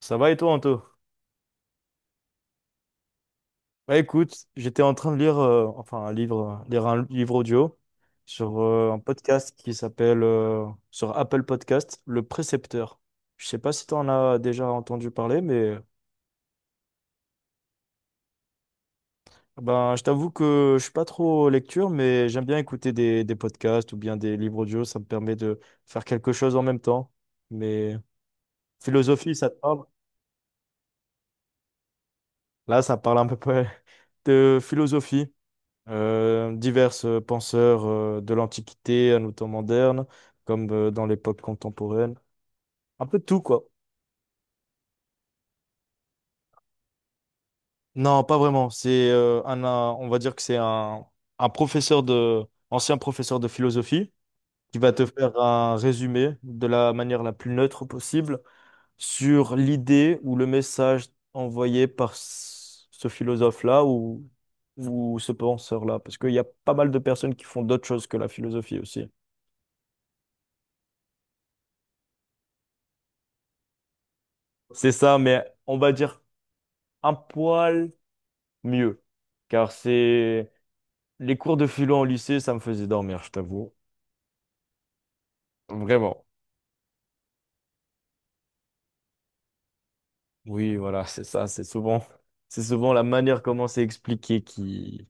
Ça va et toi, Anto? Écoute, j'étais en train de lire, enfin un livre, lire un livre audio sur un podcast qui s'appelle, sur Apple Podcast, Le Précepteur. Je sais pas si tu en as déjà entendu parler, mais je t'avoue que je suis pas trop lecture, mais j'aime bien écouter des podcasts ou bien des livres audio. Ça me permet de faire quelque chose en même temps. Mais philosophie, ça te parle? Là, ça parle un peu près de philosophie. Divers penseurs de l'Antiquité à nos temps modernes, comme dans l'époque contemporaine. Un peu de tout, quoi. Non, pas vraiment. C'est on va dire que c'est un professeur ancien professeur de philosophie qui va te faire un résumé de la manière la plus neutre possible sur l'idée ou le message envoyé par ce philosophe-là ou ce penseur-là. Parce qu'il y a pas mal de personnes qui font d'autres choses que la philosophie aussi. C'est ça, mais on va dire un poil mieux. Car c'est les cours de philo au lycée, ça me faisait dormir, je t'avoue. Vraiment. Oui, voilà, c'est ça, c'est souvent la manière comment c'est expliqué qui,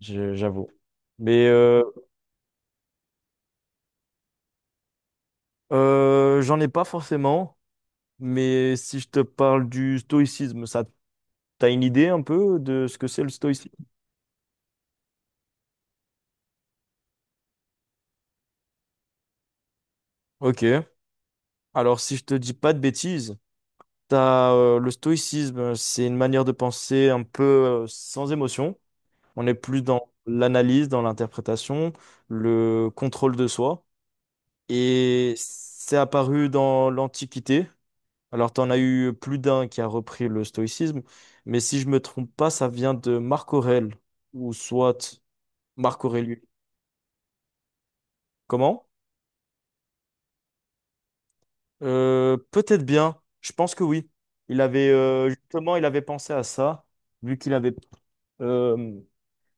j'avoue. Mais euh, J'en ai pas forcément. Mais si je te parle du stoïcisme, ça, t'as une idée un peu de ce que c'est le stoïcisme? Ok. Alors si je te dis pas de bêtises, t'as le stoïcisme, c'est une manière de penser un peu sans émotion. On est plus dans l'analyse, dans l'interprétation, le contrôle de soi. Et c'est apparu dans l'Antiquité. Alors, tu en as eu plus d'un qui a repris le stoïcisme, mais si je me trompe pas, ça vient de Marc Aurèle, ou soit Marc Aurèle. Comment? Peut-être bien, je pense que oui. Il avait justement, il avait pensé à ça, vu qu'il avait euh,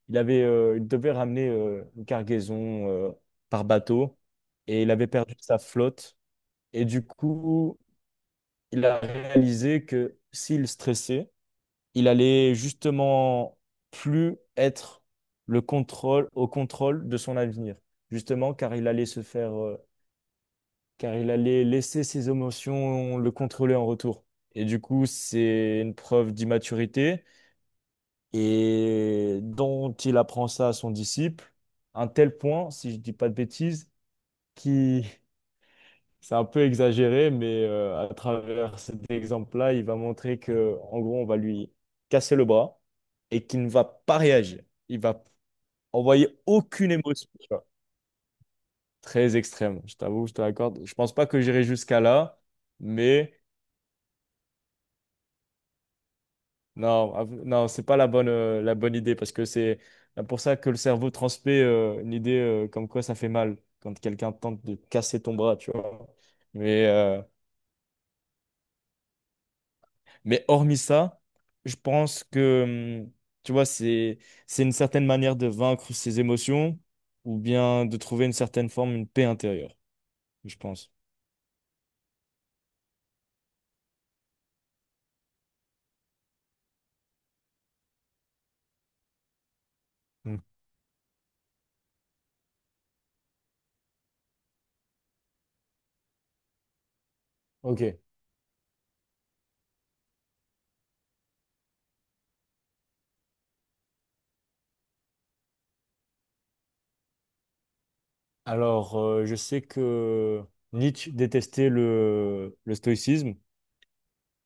il avait, il devait ramener une cargaison par bateau et il avait perdu sa flotte. Et du coup, il a réalisé que s'il stressait, il allait justement plus être le contrôle, au contrôle de son avenir. Justement, car il allait se faire, car il allait laisser ses émotions le contrôler en retour. Et du coup, c'est une preuve d'immaturité et dont il apprend ça à son disciple, à un tel point, si je dis pas de bêtises, qui c'est un peu exagéré, mais à travers cet exemple-là, il va montrer que, en gros, on va lui casser le bras et qu'il ne va pas réagir. Il va envoyer aucune émotion, tu vois. Très extrême, je t'avoue, je te l'accorde. Je pense pas que j'irai jusqu'à là, mais non, non, c'est pas la bonne, la bonne idée parce que c'est pour ça que le cerveau transmet une idée comme quoi ça fait mal quand quelqu'un tente de casser ton bras, tu vois. Mais, euh, mais hormis ça, je pense que, tu vois, c'est une certaine manière de vaincre ses émotions ou bien de trouver une certaine forme, une paix intérieure, je pense. Hmm. Ok. Alors, je sais que Nietzsche détestait le stoïcisme.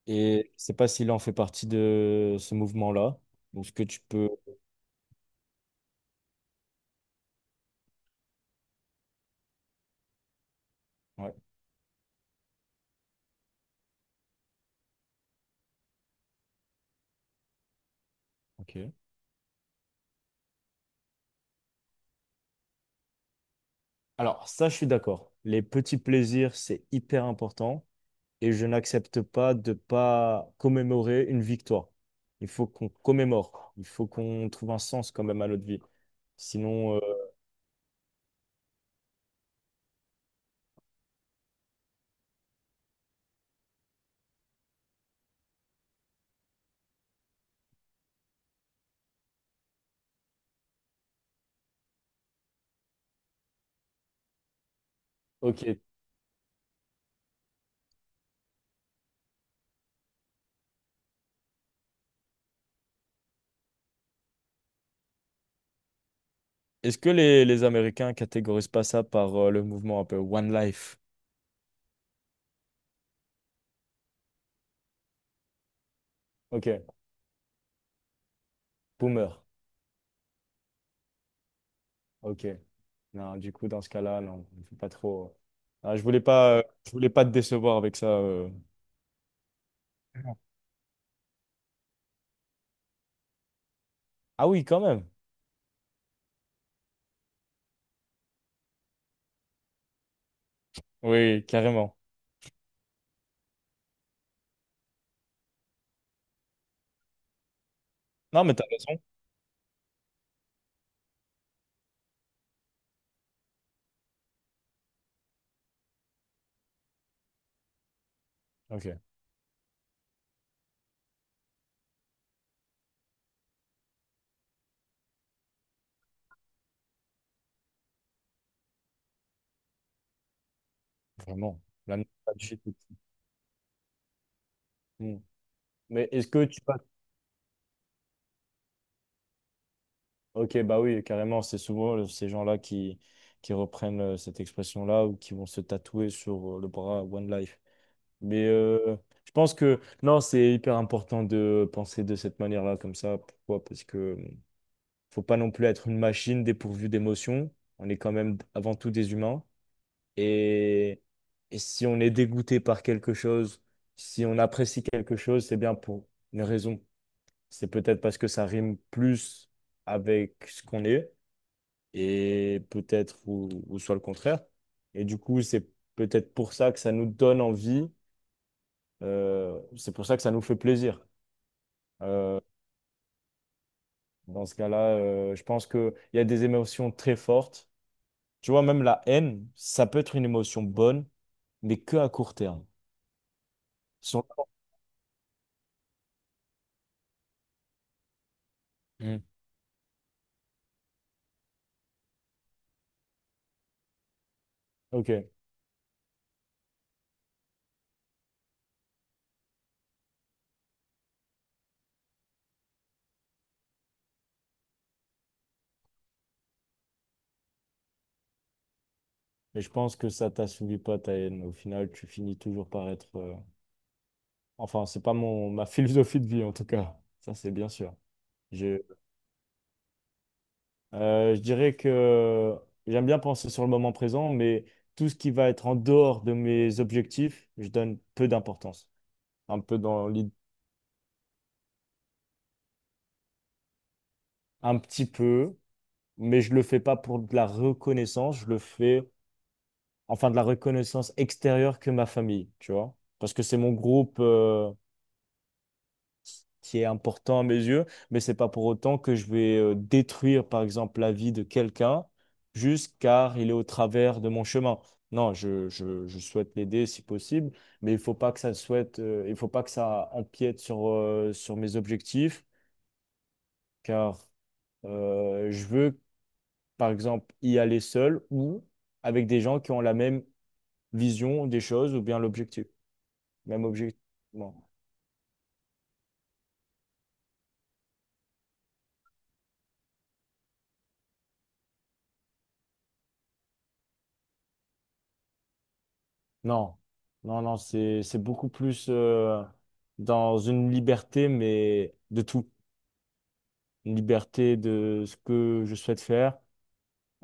Et je sais pas s'il en fait partie de ce mouvement-là. Donc, ce que tu peux. Ouais, ok. Alors, ça, je suis d'accord. Les petits plaisirs, c'est hyper important. Et je n'accepte pas de pas commémorer une victoire. Il faut qu'on commémore. Il faut qu'on trouve un sens quand même à notre vie. Sinon, euh, ok. Est-ce que les Américains catégorisent pas ça par le mouvement un peu One Life? Ok, boomer. Ok. Non, du coup, dans ce cas-là, non, faut pas trop. Ah, je voulais pas te décevoir avec ça. Ah oui, quand même. Oui, carrément. Non, mais t'as raison. Ok, vraiment. La nostalgie. Tout- Hmm. Mais est-ce que tu passes... Ok, bah oui, carrément. C'est souvent ces gens-là qui reprennent cette expression-là ou qui vont se tatouer sur le bras One Life. Mais euh, je pense que non, c'est hyper important de penser de cette manière-là, comme ça. Pourquoi? Parce que faut pas non plus être une machine dépourvue d'émotions. On est quand même avant tout des humains. Et, et si on est dégoûté par quelque chose, si on apprécie quelque chose, c'est bien pour une raison. C'est peut-être parce que ça rime plus avec ce qu'on est et peut-être ou soit le contraire. Et du coup, c'est peut-être pour ça que ça nous donne envie. C'est pour ça que ça nous fait plaisir. Euh, Dans ce cas-là, je pense qu'il y a des émotions très fortes. Tu vois, même la haine, ça peut être une émotion bonne, mais que à court terme. Sur... Mm. Ok. Mais je pense que ça t'assouvit pas ta haine. Au final, tu finis toujours par être. Enfin, c'est pas mon ma philosophie de vie en tout cas. Ça, c'est bien sûr. Je, je dirais que j'aime bien penser sur le moment présent, mais tout ce qui va être en dehors de mes objectifs, je donne peu d'importance. Un peu dans un petit peu, mais je le fais pas pour de la reconnaissance. Je le fais enfin de la reconnaissance extérieure que ma famille, tu vois. Parce que c'est mon groupe qui est important à mes yeux, mais c'est pas pour autant que je vais détruire, par exemple, la vie de quelqu'un juste car il est au travers de mon chemin. Non, je souhaite l'aider si possible, mais il faut pas que ça souhaite, il faut pas que ça empiète sur mes objectifs, car je veux, par exemple, y aller seul ou avec des gens qui ont la même vision des choses ou bien l'objectif. Même objectif. Bon. Non, non, c'est beaucoup plus dans une liberté, mais de tout. Une liberté de ce que je souhaite faire,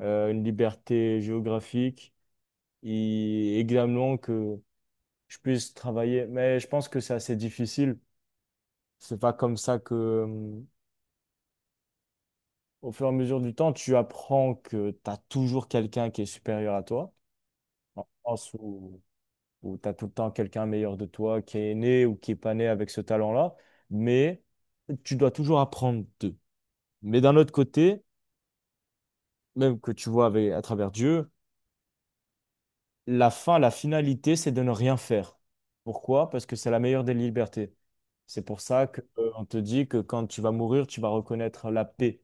une liberté géographique, et également que je puisse travailler. Mais je pense que c'est assez difficile. C'est pas comme ça que, au fur et à mesure du temps, tu apprends que tu as toujours quelqu'un qui est supérieur à toi. En France soi, où tu as tout le temps quelqu'un meilleur de toi qui est né ou qui est pas né avec ce talent-là, mais tu dois toujours apprendre d'eux. Mais d'un autre côté, même que tu vois avec, à travers Dieu, la finalité, c'est de ne rien faire. Pourquoi? Parce que c'est la meilleure des libertés. C'est pour ça que, on te dit que quand tu vas mourir, tu vas reconnaître la paix.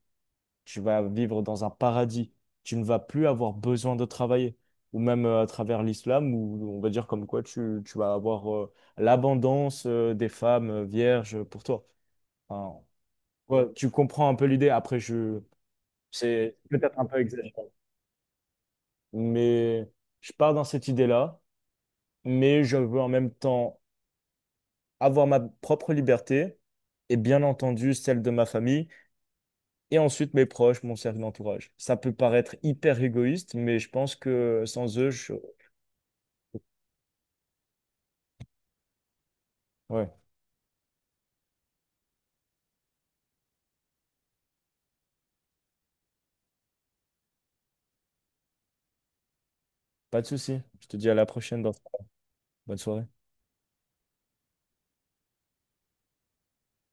Tu vas vivre dans un paradis, tu ne vas plus avoir besoin de travailler, ou même à travers l'islam, où on va dire comme quoi tu vas avoir l'abondance des femmes vierges pour toi. Enfin, ouais, tu comprends un peu l'idée, après je... C'est peut-être un peu exagéré, mais je pars dans cette idée-là, mais je veux en même temps avoir ma propre liberté et bien entendu celle de ma famille et ensuite mes proches, mon cercle d'entourage. Ça peut paraître hyper égoïste, mais je pense que sans eux, je... Ouais, pas de souci. Je te dis à la prochaine, Bertrand. Bonne soirée.